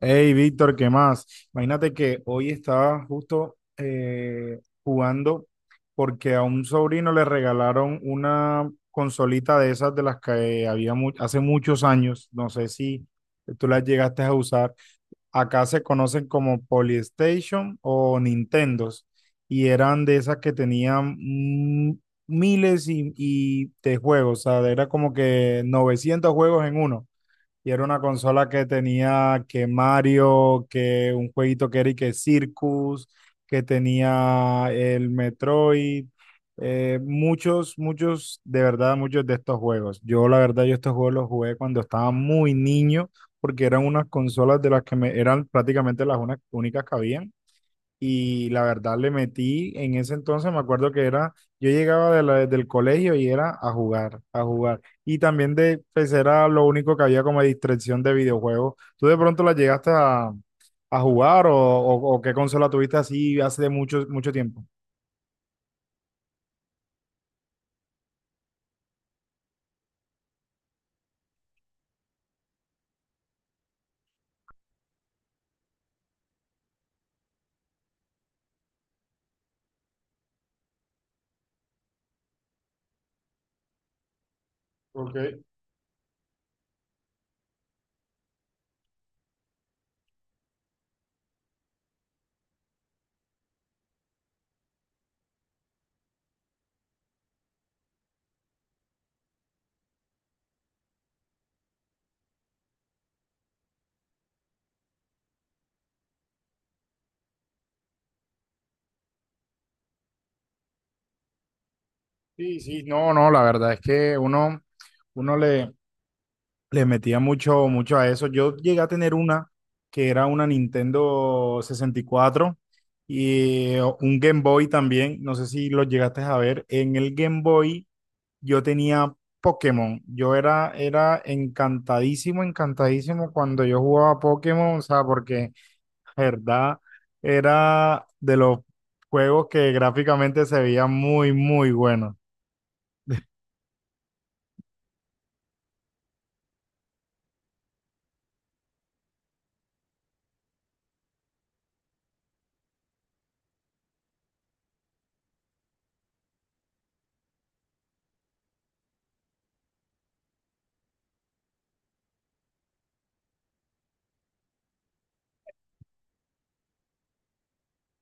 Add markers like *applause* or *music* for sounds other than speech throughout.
Hey, Víctor, ¿qué más? Imagínate que hoy estaba justo jugando porque a un sobrino le regalaron una consolita de esas de las que había hace muchos años. No sé si tú las llegaste a usar. Acá se conocen como PlayStation o Nintendos y eran de esas que tenían miles y de juegos. O sea, era como que 900 juegos en uno. Y era una consola que tenía que Mario, que un jueguito que era y que Circus, que tenía el Metroid, muchos, muchos, de verdad, muchos de estos juegos. Yo, la verdad, yo estos juegos los jugué cuando estaba muy niño, porque eran unas consolas de las que me, eran prácticamente las únicas que habían, y la verdad le metí en ese entonces. Me acuerdo que era, yo llegaba del colegio y era a jugar, a jugar. Y también de, pues era lo único que había como distracción de videojuegos. ¿Tú de pronto la llegaste a jugar o qué consola tuviste así hace mucho, mucho tiempo? Ok, sí, sí, no, no, la verdad es que uno le metía mucho, mucho a eso. Yo llegué a tener una que era una Nintendo 64 y un Game Boy también. No sé si lo llegaste a ver. En el Game Boy yo tenía Pokémon. Yo era encantadísimo, encantadísimo cuando yo jugaba Pokémon. O sea, porque la verdad era de los juegos que gráficamente se veía muy, muy bueno.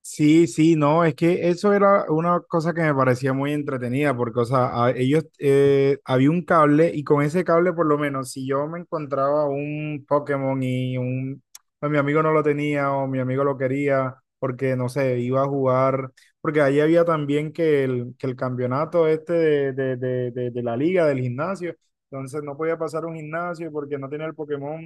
Sí, sí, no, es que eso era una cosa que me parecía muy entretenida, porque, o sea, ellos, había un cable y con ese cable, por lo menos, si yo me encontraba un Pokémon o mi amigo no lo tenía o mi amigo lo quería, porque, no sé, iba a jugar, porque ahí había también que el, campeonato este de la liga, del gimnasio, entonces no podía pasar un gimnasio porque no tenía el Pokémon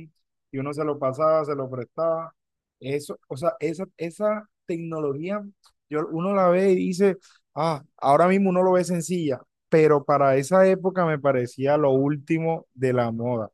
y uno se lo pasaba, se lo prestaba. Eso, o sea, esa tecnología, yo, uno la ve y dice, ah, ahora mismo uno lo ve sencilla, pero para esa época me parecía lo último de la moda.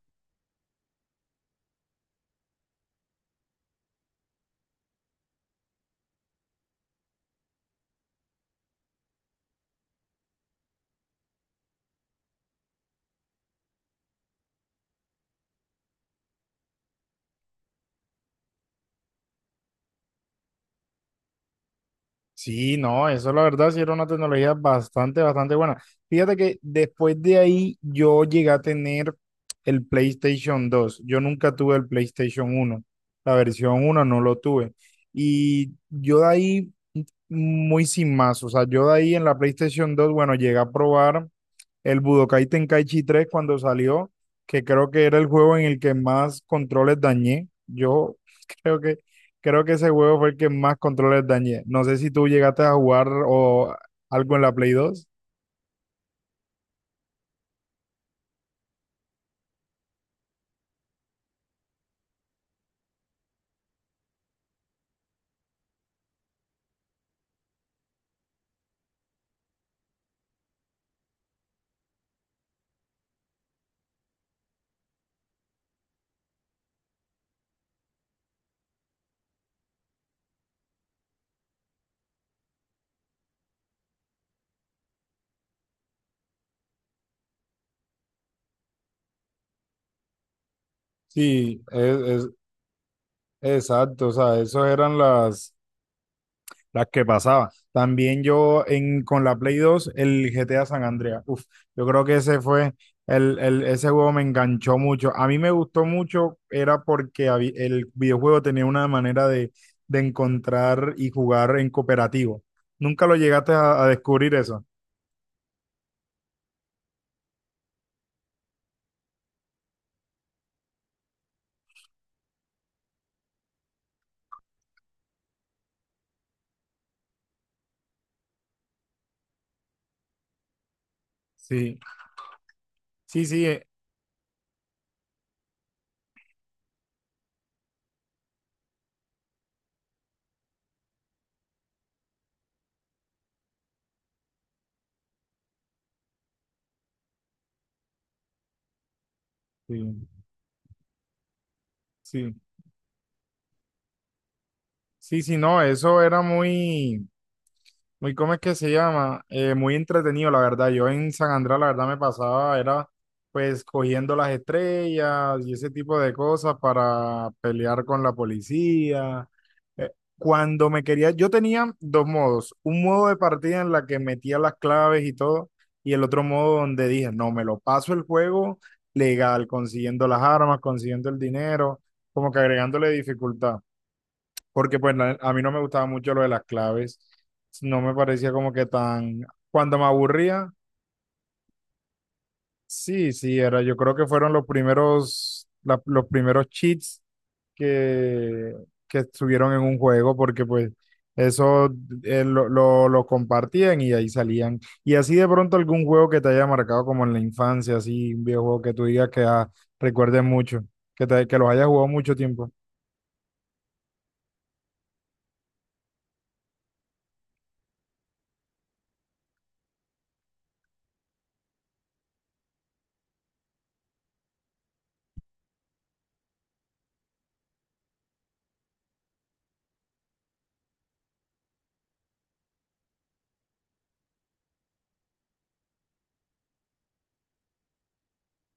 Sí, no, eso la verdad sí era una tecnología bastante, bastante buena. Fíjate que después de ahí yo llegué a tener el PlayStation 2. Yo nunca tuve el PlayStation 1. La versión uno no lo tuve. Y yo de ahí muy sin más. O sea, yo de ahí en la PlayStation 2, bueno, llegué a probar el Budokai Tenkaichi 3 cuando salió, que creo que era el juego en el que más controles dañé. Yo *laughs* creo que, creo que ese juego fue el que más controles dañé. No sé si tú llegaste a jugar o algo en la Play 2. Sí, es- exacto, o sea, esos eran las que pasaba. También yo con la Play 2 el GTA San Andreas. Uf, yo creo que ese fue, el- ese juego me enganchó mucho. A mí me gustó mucho, era porque el videojuego tenía una manera de encontrar y jugar en cooperativo. ¿Nunca lo llegaste a descubrir eso? Sí, sí, sí, sí, sí, sí, sí, no, Muy, ¿cómo es que se llama? Muy entretenido, la verdad. Yo en San Andrés, la verdad, me pasaba, era pues cogiendo las estrellas y ese tipo de cosas para pelear con la policía. Eh, Cuando me quería, yo tenía dos modos. Un modo de partida en la que metía las claves y todo, y el otro modo donde dije, no, me lo paso el juego legal, consiguiendo las armas, consiguiendo el dinero, como que agregándole dificultad, porque pues a mí no me gustaba mucho lo de las claves. No me parecía como que tan, cuando me aburría, sí, sí, era. Yo creo que fueron los primeros, los primeros cheats que, que estuvieron en un juego, porque pues eso lo compartían y ahí salían. Y así de pronto algún juego que te haya marcado como en la infancia, así un videojuego que tú digas que ah, recuerdes mucho, que los hayas jugado mucho tiempo.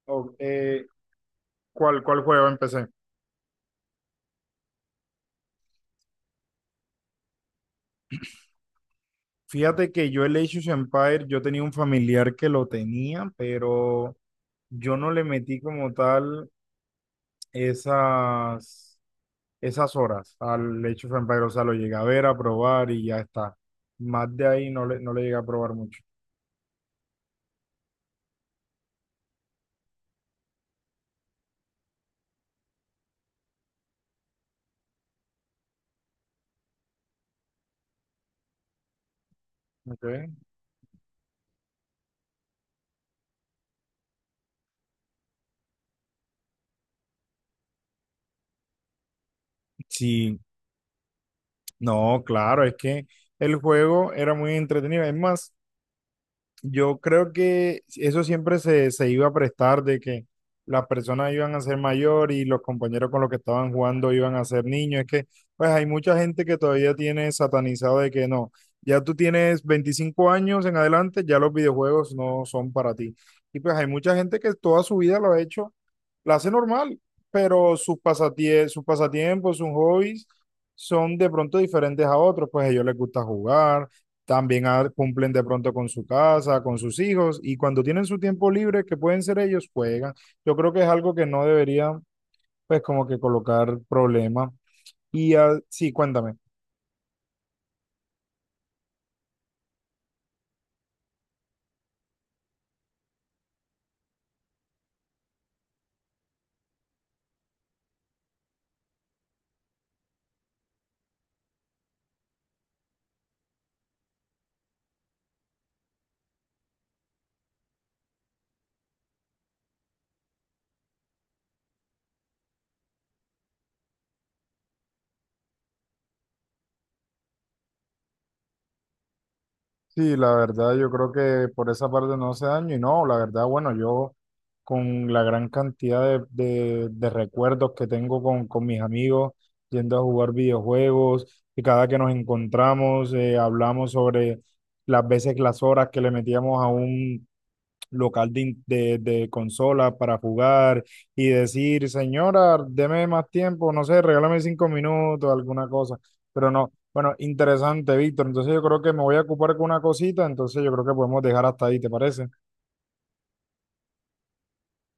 Oh, ¿cuál juego empecé? Fíjate que yo el Age of Empires, yo tenía un familiar que lo tenía, pero yo no le metí como tal esas, esas, horas al Age of Empires. O sea, lo llegué a ver, a probar y ya está. Más de ahí no le llegué a probar mucho. ¿Ok? Sí, no, claro, es que el juego era muy entretenido. Es más, yo creo que eso siempre se iba a prestar de que las personas iban a ser mayor y los compañeros con los que estaban jugando iban a ser niños. Es que, pues, hay mucha gente que todavía tiene satanizado de que no, ya tú tienes 25 años en adelante, ya los videojuegos no son para ti. Y pues hay mucha gente que toda su vida lo ha hecho, la hace normal, pero sus pasatiempos, sus hobbies son de pronto diferentes a otros. Pues a ellos les gusta jugar también cumplen de pronto con su casa, con sus hijos, y cuando tienen su tiempo libre, que pueden ser ellos, juegan. Yo creo que es algo que no debería, pues, como que colocar problema. Y ah, sí, cuéntame. Sí, la verdad, yo creo que por esa parte no hace daño, y no, la verdad, bueno, yo con la gran cantidad de recuerdos que tengo con mis amigos, yendo a jugar videojuegos, y cada que nos encontramos, hablamos sobre las veces, las horas que le metíamos a un local de consolas para jugar y decir, señora, deme más tiempo, no sé, regálame 5 minutos, alguna cosa, pero no. Bueno, interesante, Víctor. Entonces yo creo que me voy a ocupar con una cosita, entonces yo creo que podemos dejar hasta ahí, ¿te parece?